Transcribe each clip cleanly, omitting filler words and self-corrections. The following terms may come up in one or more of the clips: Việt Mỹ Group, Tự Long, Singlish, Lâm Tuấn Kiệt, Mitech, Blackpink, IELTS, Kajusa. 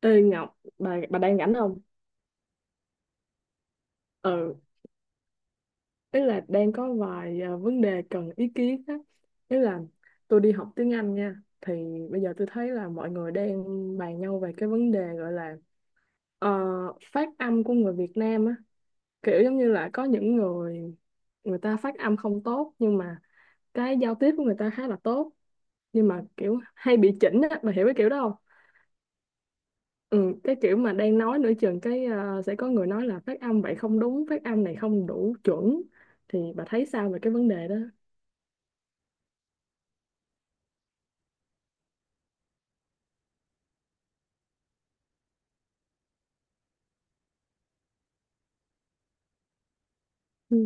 Ê Ngọc, bà đang rảnh không? Ừ, ý là đang có vài vấn đề cần ý kiến á. Ý là tôi đi học tiếng Anh nha. Thì bây giờ tôi thấy là mọi người đang bàn nhau về cái vấn đề gọi là ờ, phát âm của người Việt Nam á. Kiểu giống như là có những người người ta phát âm không tốt, nhưng mà cái giao tiếp của người ta khá là tốt. Nhưng mà kiểu hay bị chỉnh á, bà hiểu cái kiểu đó? Ừ, cái kiểu mà đang nói nửa chừng cái sẽ có người nói là phát âm vậy không đúng, phát âm này không đủ chuẩn, thì bà thấy sao về cái vấn đề đó? Ừ,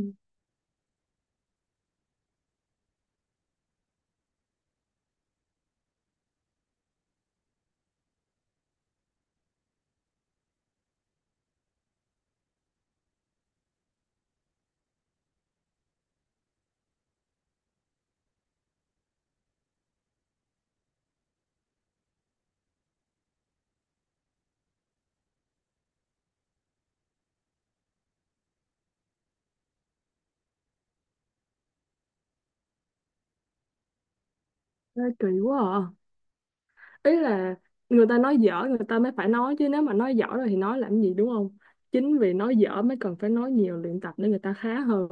ê, kỳ quá à. Ý là người ta nói dở người ta mới phải nói chứ, nếu mà nói dở rồi thì nói làm gì, đúng không? Chính vì nói dở mới cần phải nói nhiều, luyện tập để người ta khá hơn.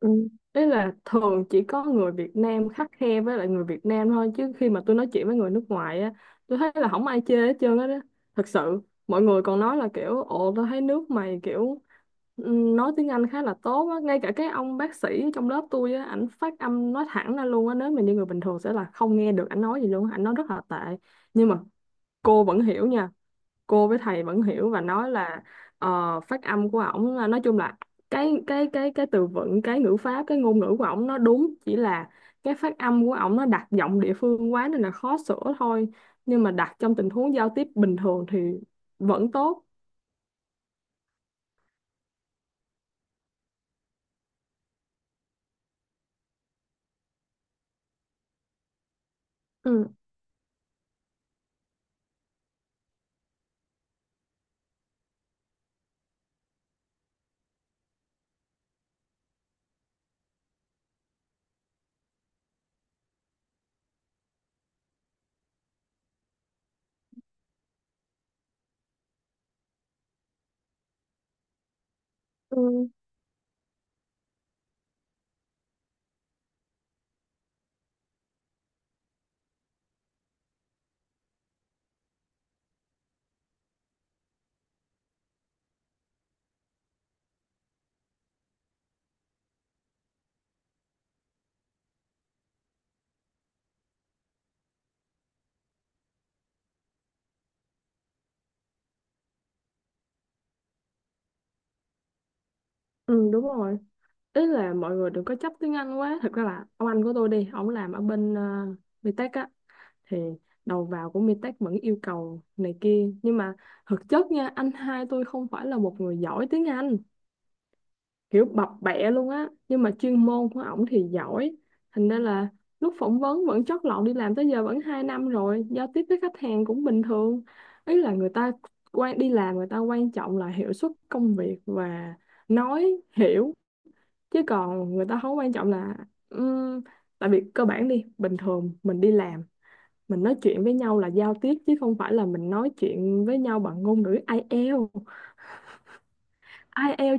Ừ. Ý là thường chỉ có người Việt Nam khắt khe với lại người Việt Nam thôi, chứ khi mà tôi nói chuyện với người nước ngoài á, tôi thấy là không ai chê hết trơn á đó, thật sự. Mọi người còn nói là kiểu, ồ tôi thấy nước mày kiểu nói tiếng Anh khá là tốt á. Ngay cả cái ông bác sĩ trong lớp tôi á, ảnh phát âm, nói thẳng ra luôn á, nếu mà như người bình thường sẽ là không nghe được ảnh nói gì luôn á. Ảnh nói rất là tệ, nhưng mà cô vẫn hiểu nha, cô với thầy vẫn hiểu và nói là phát âm của ổng nói chung là cái từ vựng, cái ngữ pháp, cái ngôn ngữ của ổng nó đúng, chỉ là cái phát âm của ổng nó đặt giọng địa phương quá nên là khó sửa thôi, nhưng mà đặt trong tình huống giao tiếp bình thường thì vẫn tốt. Ừ, ừ, ừ, đúng rồi. Ý là mọi người đừng có chấp tiếng Anh quá. Thật ra là ông anh của tôi đi ổng làm ở bên uh, thì đầu vào của Mitech vẫn yêu cầu này kia, nhưng mà thực chất nha, anh hai tôi không phải là một người giỏi tiếng Anh, kiểu bập bẹ luôn á, nhưng mà chuyên môn của ổng thì giỏi, thành ra là lúc phỏng vấn vẫn chót lọt, đi làm tới giờ vẫn 2 năm rồi, giao tiếp với khách hàng cũng bình thường. Ý là người ta quan, đi làm người ta quan trọng là hiệu suất công việc và nói hiểu, chứ còn người ta không quan trọng là ừm, tại vì cơ bản đi bình thường, mình đi làm mình nói chuyện với nhau là giao tiếp, chứ không phải là mình nói chuyện với nhau bằng ngôn ngữ AI, IELTS.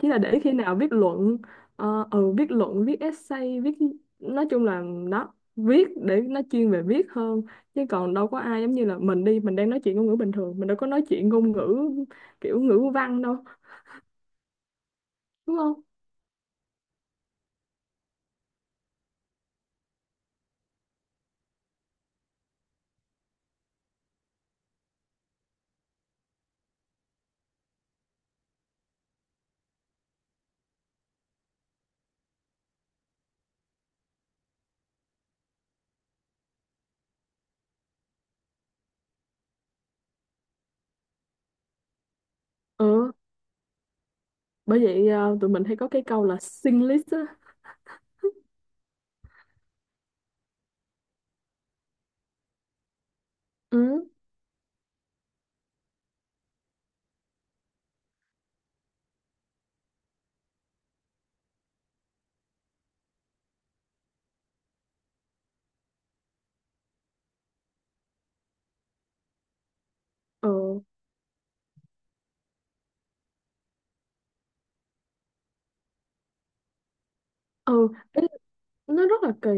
Chỉ là để khi nào viết luận, viết essay, viết, nói chung là, đó, viết để nó chuyên về viết hơn, chứ còn đâu có ai giống như là mình đang nói chuyện ngôn ngữ bình thường, mình đâu có nói chuyện ngôn ngữ kiểu ngữ văn đâu, đúng không? Ừ, bởi vậy tụi mình hay có cái câu là Singlish á. Ừ, ừ, ừ, nó rất là kỳ.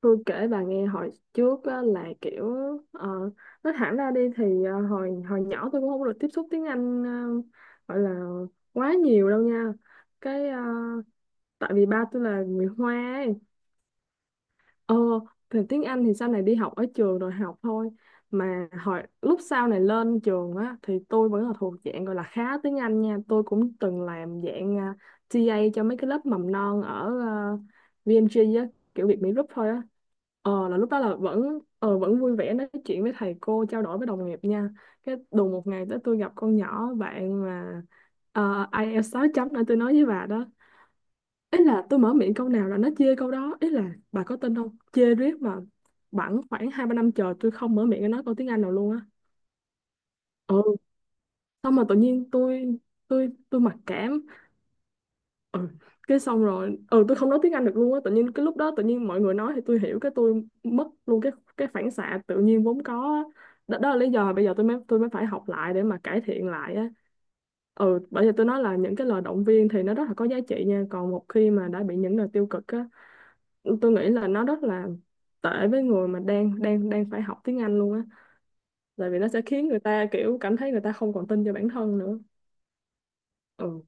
Tôi kể bà nghe hồi trước á, là kiểu ờ, nói thẳng ra đi thì hồi hồi nhỏ tôi cũng không được tiếp xúc tiếng Anh gọi là quá nhiều đâu nha. Cái tại vì ba tôi là người Hoa ấy. Ờ, thì tiếng Anh thì sau này đi học ở trường rồi học thôi. Mà hồi lúc sau này lên trường á thì tôi vẫn là thuộc dạng gọi là khá tiếng Anh nha. Tôi cũng từng làm dạng TA cho mấy cái lớp mầm non ở VMG á, kiểu Việt Mỹ Group thôi á. Là lúc đó là vẫn vui vẻ nói chuyện với thầy cô, trao đổi với đồng nghiệp nha. Cái đùng một ngày tới tôi gặp con nhỏ bạn mà IELTS 6 chấm nữa, tôi nói với bà đó. Ý là tôi mở miệng câu nào là nó chê câu đó, ý là bà có tin không, chê riết mà bẵng khoảng hai ba năm trời tôi không mở miệng nói câu tiếng Anh nào luôn á. Ừ, xong mà tự nhiên tôi, tôi mặc cảm. Ừ. Cái xong rồi tôi không nói tiếng Anh được luôn á, tự nhiên cái lúc đó tự nhiên mọi người nói thì tôi hiểu, cái tôi mất luôn cái phản xạ tự nhiên vốn có á. Đó, đó là lý do bây giờ tôi mới, tôi mới phải học lại để mà cải thiện lại á. Ừ, bởi vì tôi nói là những cái lời động viên thì nó rất là có giá trị nha, còn một khi mà đã bị những lời tiêu cực á, tôi nghĩ là nó rất là tệ với người mà đang đang đang phải học tiếng Anh luôn á, tại vì nó sẽ khiến người ta kiểu cảm thấy người ta không còn tin cho bản thân nữa. Ừ,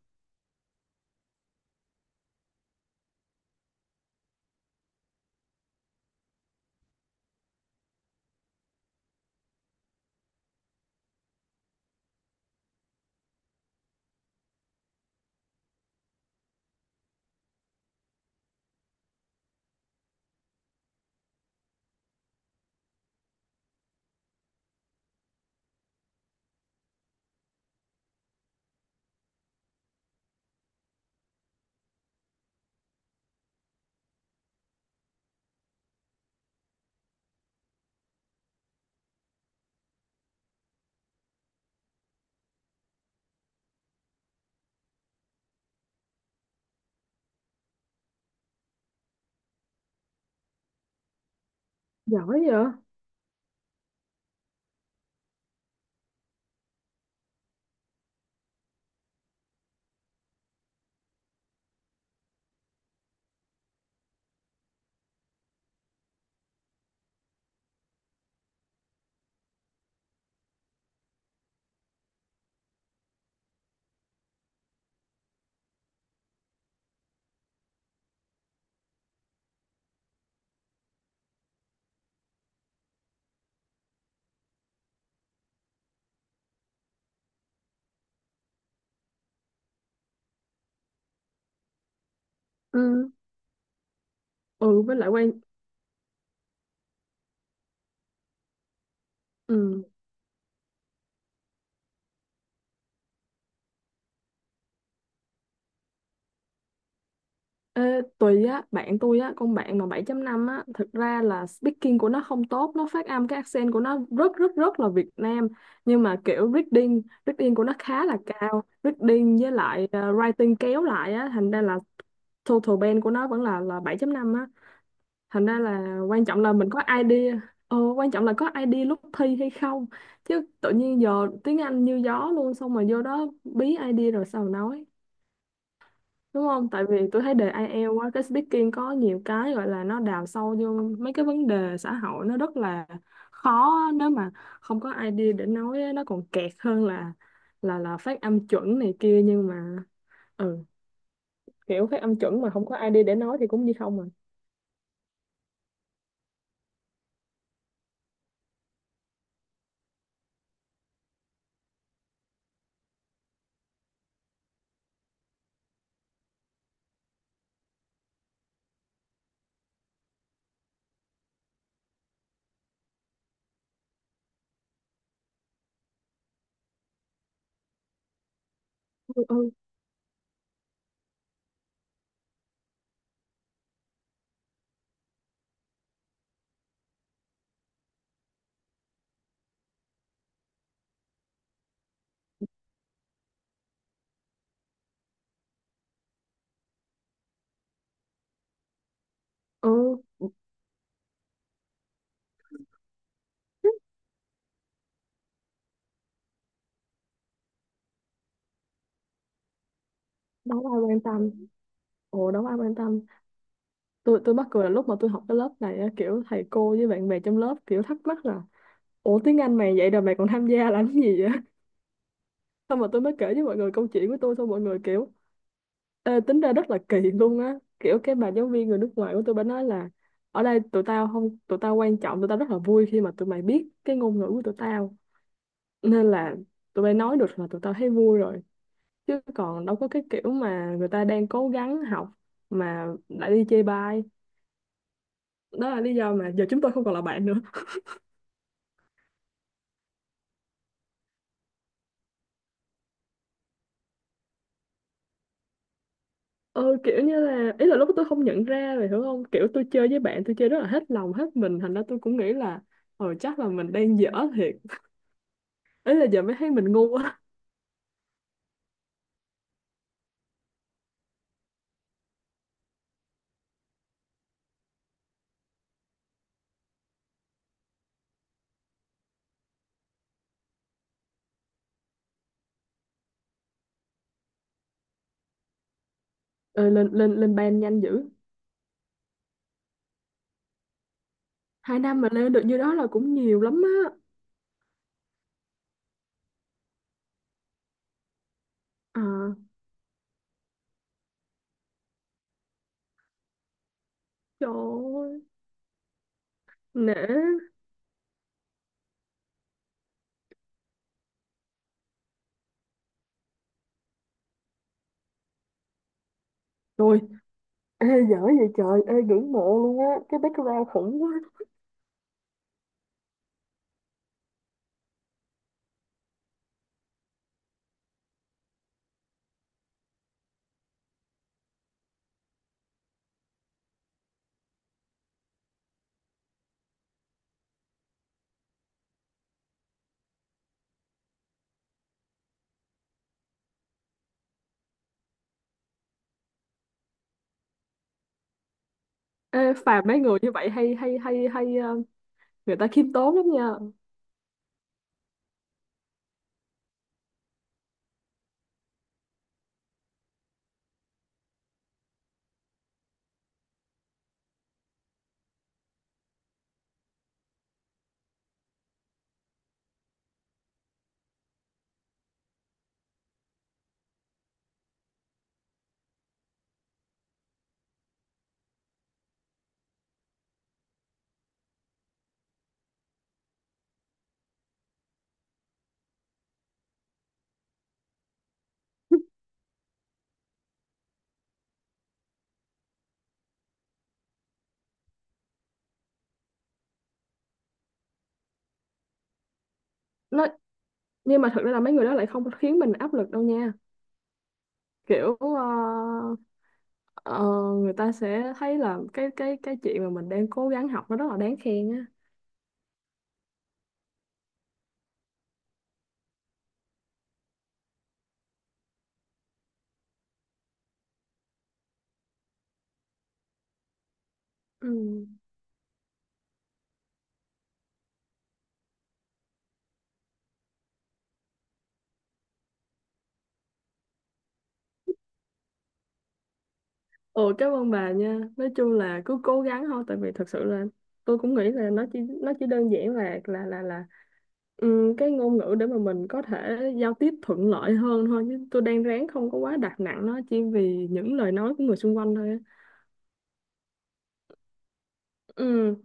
giỏi vậy. Ừ. Ừ, với lại quan. ừ Ê, tùy á, bạn tôi á, con bạn mà 7.5 á, thực ra là speaking của nó không tốt, nó phát âm cái accent của nó rất rất rất là Việt Nam, nhưng mà kiểu reading của nó khá là cao, reading với lại writing kéo lại á, thành ra là total band của nó vẫn là 7.5 á, thành ra là quan trọng là mình có idea, quan trọng là có idea lúc thi hay không, chứ tự nhiên giờ tiếng Anh như gió luôn, xong mà vô đó bí idea rồi sao mà nói, đúng không? Tại vì tôi thấy đề IELTS quá, cái speaking có nhiều cái gọi là nó đào sâu vô mấy cái vấn đề xã hội nó rất là khó á. Nếu mà không có idea để nói á, nó còn kẹt hơn là phát âm chuẩn này kia, nhưng mà ừ kiểu phát âm chuẩn mà không có idea để nói thì cũng như không mà. Ừ, ừ, ừ, đâu có ai quan tâm. Ồ, đâu có ai quan tâm. Tôi mắc cười là lúc mà tôi học cái lớp này á, kiểu thầy cô với bạn bè trong lớp kiểu thắc mắc là, ủa tiếng Anh mày vậy rồi mày còn tham gia làm cái gì, xong rồi tôi mới kể với mọi người câu chuyện của tôi, xong mọi người kiểu, ê, tính ra rất là kỳ luôn á. Kiểu cái bà giáo viên người nước ngoài của tôi, bà nói là, ở đây tụi tao không, tụi tao quan trọng tụi tao rất là vui khi mà tụi mày biết cái ngôn ngữ của tụi tao, nên là tụi bay nói được là tụi tao thấy vui rồi, chứ còn đâu có cái kiểu mà người ta đang cố gắng học mà lại đi chê bai. Đó là lý do mà giờ chúng tôi không còn là bạn nữa. Ờ, kiểu như là ý là lúc đó tôi không nhận ra, rồi hiểu không, kiểu tôi chơi với bạn tôi chơi rất là hết lòng hết mình, thành ra tôi cũng nghĩ là chắc là mình đang dở thiệt. Ý là giờ mới thấy mình ngu á. Ờ, Lên lên lên ban nhanh dữ. 2 năm mà lên được như đó là cũng nhiều lắm á. À, trời ơi, nể. Rồi, ê, dở vậy trời, ê, ngưỡng mộ luôn á, cái background khủng quá. Ê, phàm mấy người như vậy hay, hay hay hay người ta khiêm tốn lắm nha. nó nhưng mà thật ra là mấy người đó lại không khiến mình áp lực đâu nha. Kiểu Ờ, người ta sẽ thấy là cái chuyện mà mình đang cố gắng học nó rất là đáng khen á. Ừ. Ồ, cảm ơn bà nha. Nói chung là cứ cố gắng thôi, tại vì thật sự là tôi cũng nghĩ là nó chỉ đơn giản là cái ngôn ngữ để mà mình có thể giao tiếp thuận lợi hơn thôi. Chứ tôi đang ráng không có quá đặt nặng nó chỉ vì những lời nói của người xung quanh thôi á. Ừ,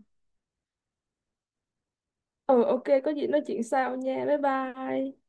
ừ, ok, có gì nói chuyện sau nha. Bye bye.